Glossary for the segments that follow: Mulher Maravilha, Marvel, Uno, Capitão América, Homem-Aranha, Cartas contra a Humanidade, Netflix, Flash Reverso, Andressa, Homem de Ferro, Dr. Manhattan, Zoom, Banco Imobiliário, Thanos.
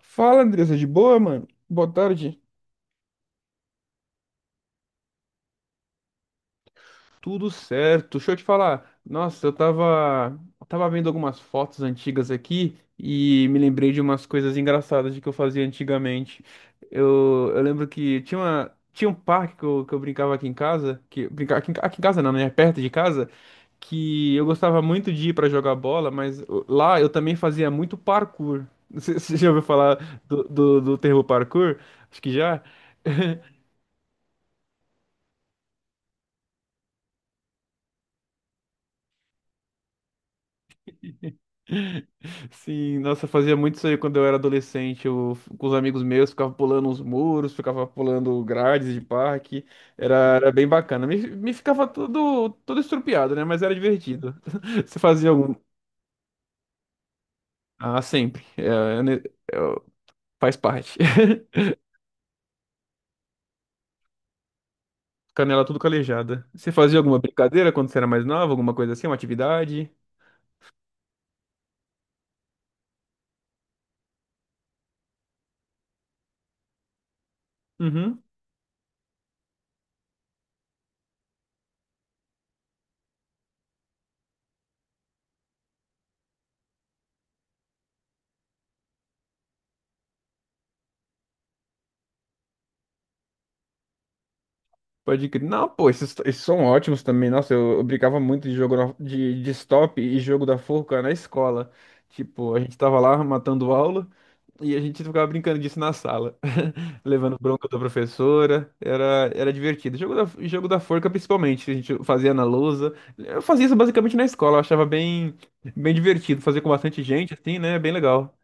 Fala, Andressa, de boa, mano? Boa tarde. Tudo certo. Deixa eu te falar. Nossa, tava vendo algumas fotos antigas aqui e me lembrei de umas coisas engraçadas de que eu fazia antigamente. Eu lembro que tinha um parque que eu brincava aqui em casa, que brincava aqui em casa não, né? É perto de casa, que eu gostava muito de ir pra jogar bola, mas lá eu também fazia muito parkour. Você já ouviu falar do termo parkour? Acho que já. Sim, nossa, eu fazia muito isso aí quando eu era adolescente. Eu, com os amigos meus, ficava pulando uns muros, ficava pulando grades de parque. Era bem bacana. Me ficava todo estrupiado, né? Mas era divertido. Você fazia algum. Ah, sempre. É ne- é, faz parte. Canela tudo calejada. Você fazia alguma brincadeira quando você era mais nova? Alguma coisa assim? Uma atividade? Uhum. Pode crer. Não, pô, esses são ótimos também. Nossa, eu brincava muito de de stop e jogo da forca na escola. Tipo, a gente tava lá matando aula e a gente ficava brincando disso na sala. Levando bronca da professora. Era divertido. Jogo da forca, principalmente. A gente fazia na lousa. Eu fazia isso basicamente na escola. Eu achava bem divertido. Fazer com bastante gente, assim, né? Bem legal.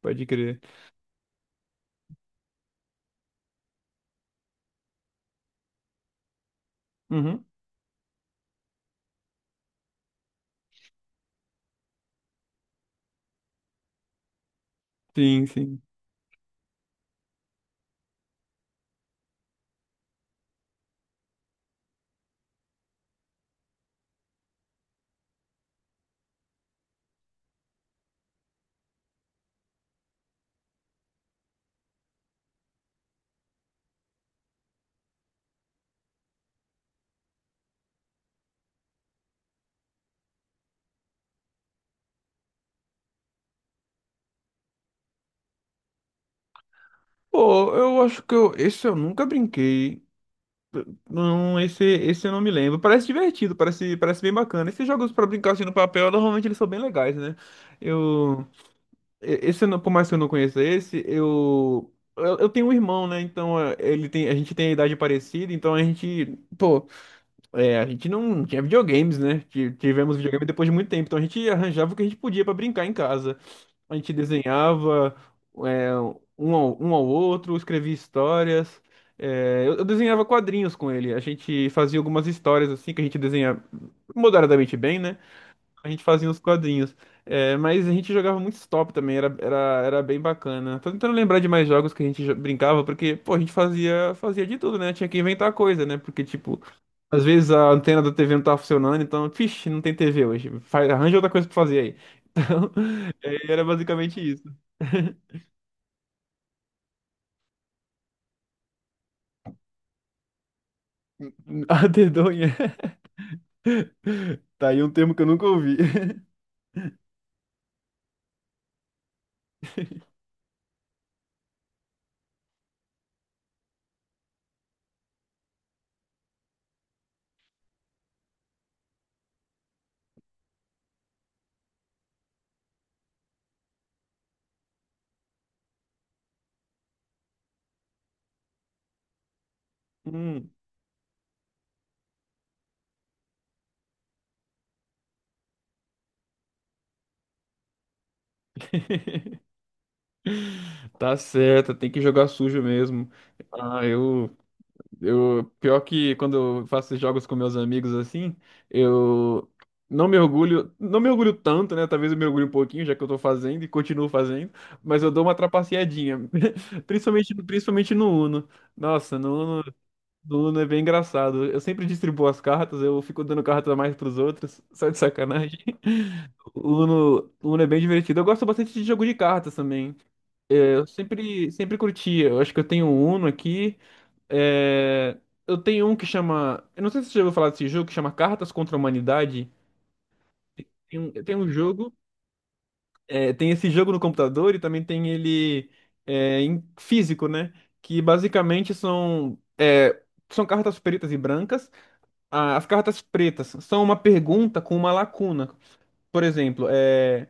Pode crer. Uhum. Sim. Pô, eu acho que esse eu nunca brinquei. Não, esse eu não me lembro. Parece divertido, parece bem bacana. Esses jogos pra brincar assim no papel, normalmente eles são bem legais, né? Eu, e- esse, eu não- Por mais que eu não conheça esse, eu tenho um irmão, né? Então ele tem, a gente tem a idade parecida, então a gente, pô, é, a gente não tinha videogames, né? Tivemos videogame depois de muito tempo, então a gente arranjava o que a gente podia pra brincar em casa. A gente desenhava é, um ao outro, escrevia histórias. É, eu desenhava quadrinhos com ele. A gente fazia algumas histórias assim que a gente desenha moderadamente bem, né? A gente fazia uns quadrinhos. É, mas a gente jogava muito stop também, era bem bacana. Tô tentando lembrar de mais jogos que a gente brincava, porque, pô, a gente fazia de tudo, né? Tinha que inventar coisa, né? Porque, tipo, às vezes a antena da TV não tá funcionando, então, vixe, não tem TV hoje. Faz, arranja outra coisa pra fazer aí. Então, é, era basicamente isso. A dedonha. Tá aí um termo que eu nunca ouvi. Hum. Tá certo, tem que jogar sujo mesmo. Ah, eu. Eu, pior que quando eu faço jogos com meus amigos assim, eu não me orgulho tanto, né? Talvez eu me orgulhe um pouquinho, já que eu tô fazendo e continuo fazendo, mas eu dou uma trapaceadinha. Principalmente no Uno. Nossa, no Uno é bem engraçado. Eu sempre distribuo as cartas, eu fico dando carta a mais pros outros, só de sacanagem. O Uno é bem divertido. Eu gosto bastante de jogo de cartas também. É, Eu sempre curti. Eu acho que eu tenho um Uno aqui. É, eu tenho um que chama. Eu não sei se você já ouviu falar desse jogo que chama Cartas contra a Humanidade. Tem um jogo. É, tem esse jogo no computador e também tem ele é, em físico, né? Que basicamente são. É, são cartas pretas e brancas. Ah, as cartas pretas são uma pergunta com uma lacuna. Por exemplo, é,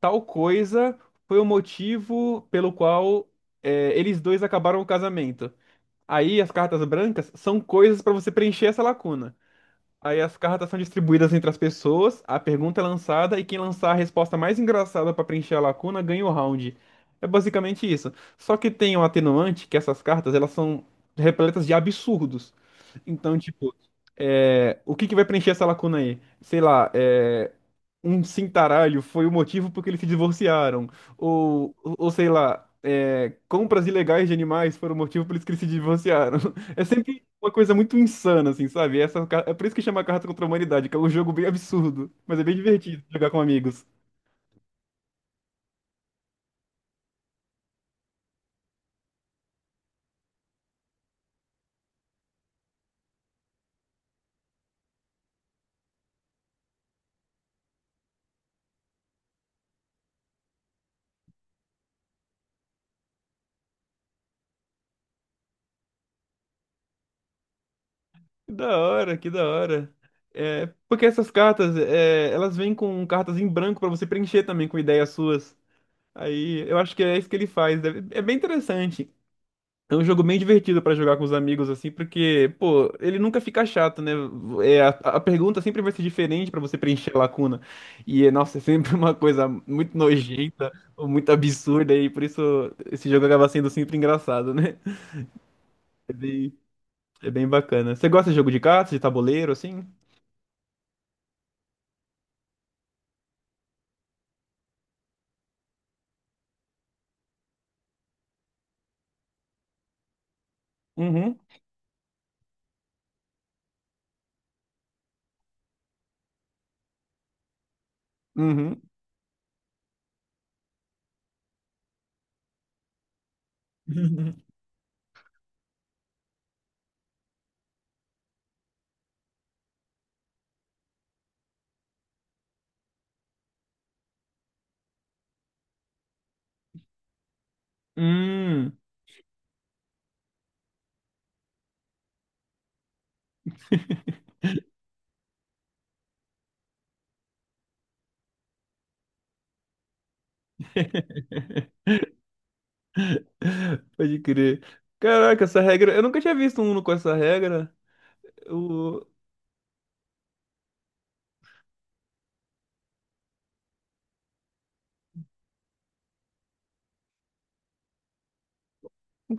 tal coisa foi o motivo pelo qual é, eles dois acabaram o casamento. Aí as cartas brancas são coisas para você preencher essa lacuna. Aí as cartas são distribuídas entre as pessoas, a pergunta é lançada e quem lançar a resposta mais engraçada para preencher a lacuna ganha o round. É basicamente isso. Só que tem um atenuante que essas cartas elas são repletas de absurdos. Então, tipo, é, o que que vai preencher essa lacuna aí? Sei lá, é, um cintaralho foi o motivo por que eles se divorciaram. Ou sei lá, é, compras ilegais de animais foram o motivo por isso que eles se divorciaram. É sempre uma coisa muito insana, assim, sabe? É por isso que chama Cartas contra a Humanidade, que é um jogo bem absurdo, mas é bem divertido jogar com amigos. Que da hora. É, porque essas cartas, é, elas vêm com cartas em branco pra você preencher também com ideias suas. Aí eu acho que é isso que ele faz. É bem interessante. É um jogo bem divertido pra jogar com os amigos, assim, porque, pô, ele nunca fica chato, né? É, a pergunta sempre vai ser diferente pra você preencher a lacuna. E, é, nossa, é sempre uma coisa muito nojenta ou muito absurda, e por isso esse jogo acaba sendo sempre engraçado, né? É bem, é bem bacana. Você gosta de jogo de cartas, de tabuleiro, assim? Uhum, uhum. Hum, pode crer. Caraca, essa regra. Eu nunca tinha visto um Uno com essa regra.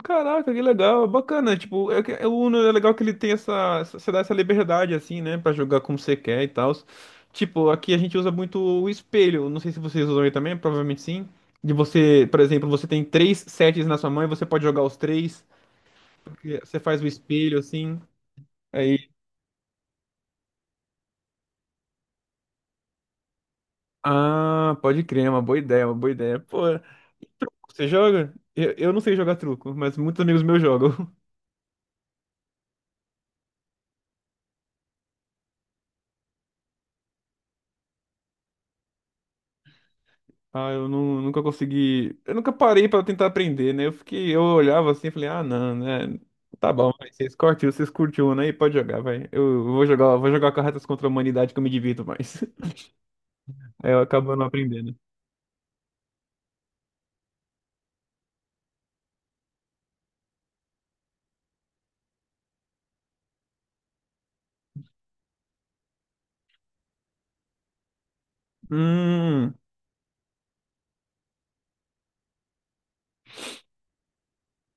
Caraca, que legal, bacana. Tipo, é, é, o Uno é legal que ele tem você dá essa liberdade assim, né, pra jogar como você quer e tal. Tipo, aqui a gente usa muito o espelho. Não sei se vocês usam aí também, provavelmente sim. De você, por exemplo, você tem três sets na sua mão e você pode jogar os três. Porque você faz o espelho assim. Aí, ah, pode crer, é uma boa ideia, uma boa ideia. Pô, você joga? Eu não sei jogar truco, mas muitos amigos meus jogam. Ah, eu nunca consegui. Eu nunca parei pra tentar aprender, né? Eu fiquei, eu olhava assim e falei, ah, não, né? Tá bom, mas vocês curtiu, né? E pode jogar, vai. Eu vou vou jogar cartas contra a humanidade que eu me divirto mais. Aí eu acabo não aprendendo. Hum.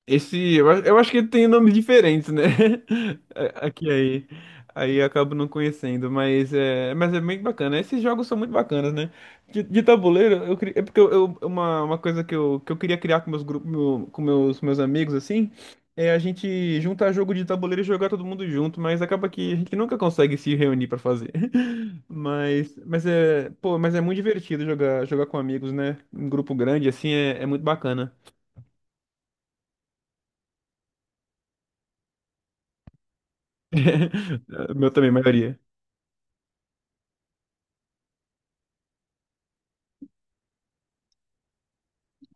Esse, eu, eu acho que ele tem nomes diferentes, né? A- aqui aí. Aí eu acabo não conhecendo, mas é bem bacana. Esses jogos são muito bacanas, né? De tabuleiro, eu, é porque uma coisa que eu queria criar com meus grupos, com meus amigos, assim, é a gente juntar jogo de tabuleiro e jogar todo mundo junto, mas acaba que a gente nunca consegue se reunir pra fazer. Mas é, pô, mas é muito divertido jogar com amigos, né? Em grupo grande, assim, é, é muito bacana. Meu também, maioria.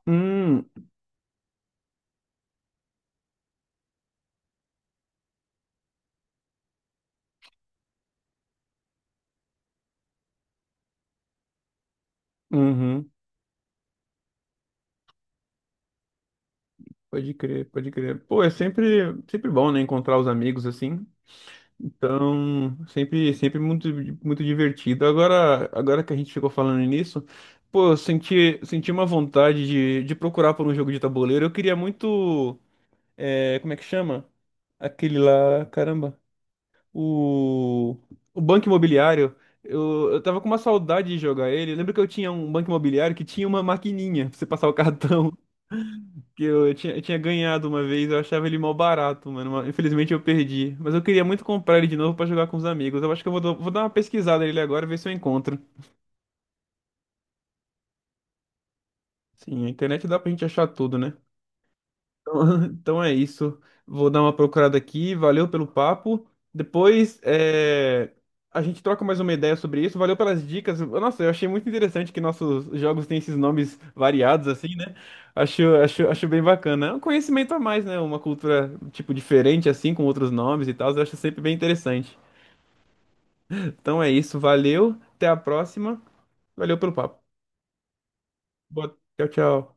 Hum, uhum. Pode crer. Pô, é sempre bom, né, encontrar os amigos assim. Então, sempre muito divertido. Agora que a gente ficou falando nisso, pô, eu senti uma vontade de procurar por um jogo de tabuleiro. Eu queria muito, é, como é que chama? Aquele lá, caramba. O, o Banco Imobiliário, eu tava com uma saudade de jogar ele. Eu lembro que eu tinha um Banco Imobiliário que tinha uma maquininha pra você passar o cartão. Que eu eu tinha ganhado uma vez, eu achava ele mó barato, mano. Mas infelizmente eu perdi. Mas eu queria muito comprar ele de novo pra jogar com os amigos. Eu acho que eu vou dar uma pesquisada nele agora, ver se eu encontro. Sim, a internet dá pra gente achar tudo, né? Então então é isso. Vou dar uma procurada aqui. Valeu pelo papo. Depois é, a gente troca mais uma ideia sobre isso. Valeu pelas dicas. Nossa, eu achei muito interessante que nossos jogos têm esses nomes variados, assim, né? Acho bem bacana. É um conhecimento a mais, né? Uma cultura, tipo, diferente, assim, com outros nomes e tal. Eu acho sempre bem interessante. Então é isso. Valeu. Até a próxima. Valeu pelo papo. Tchau, tchau.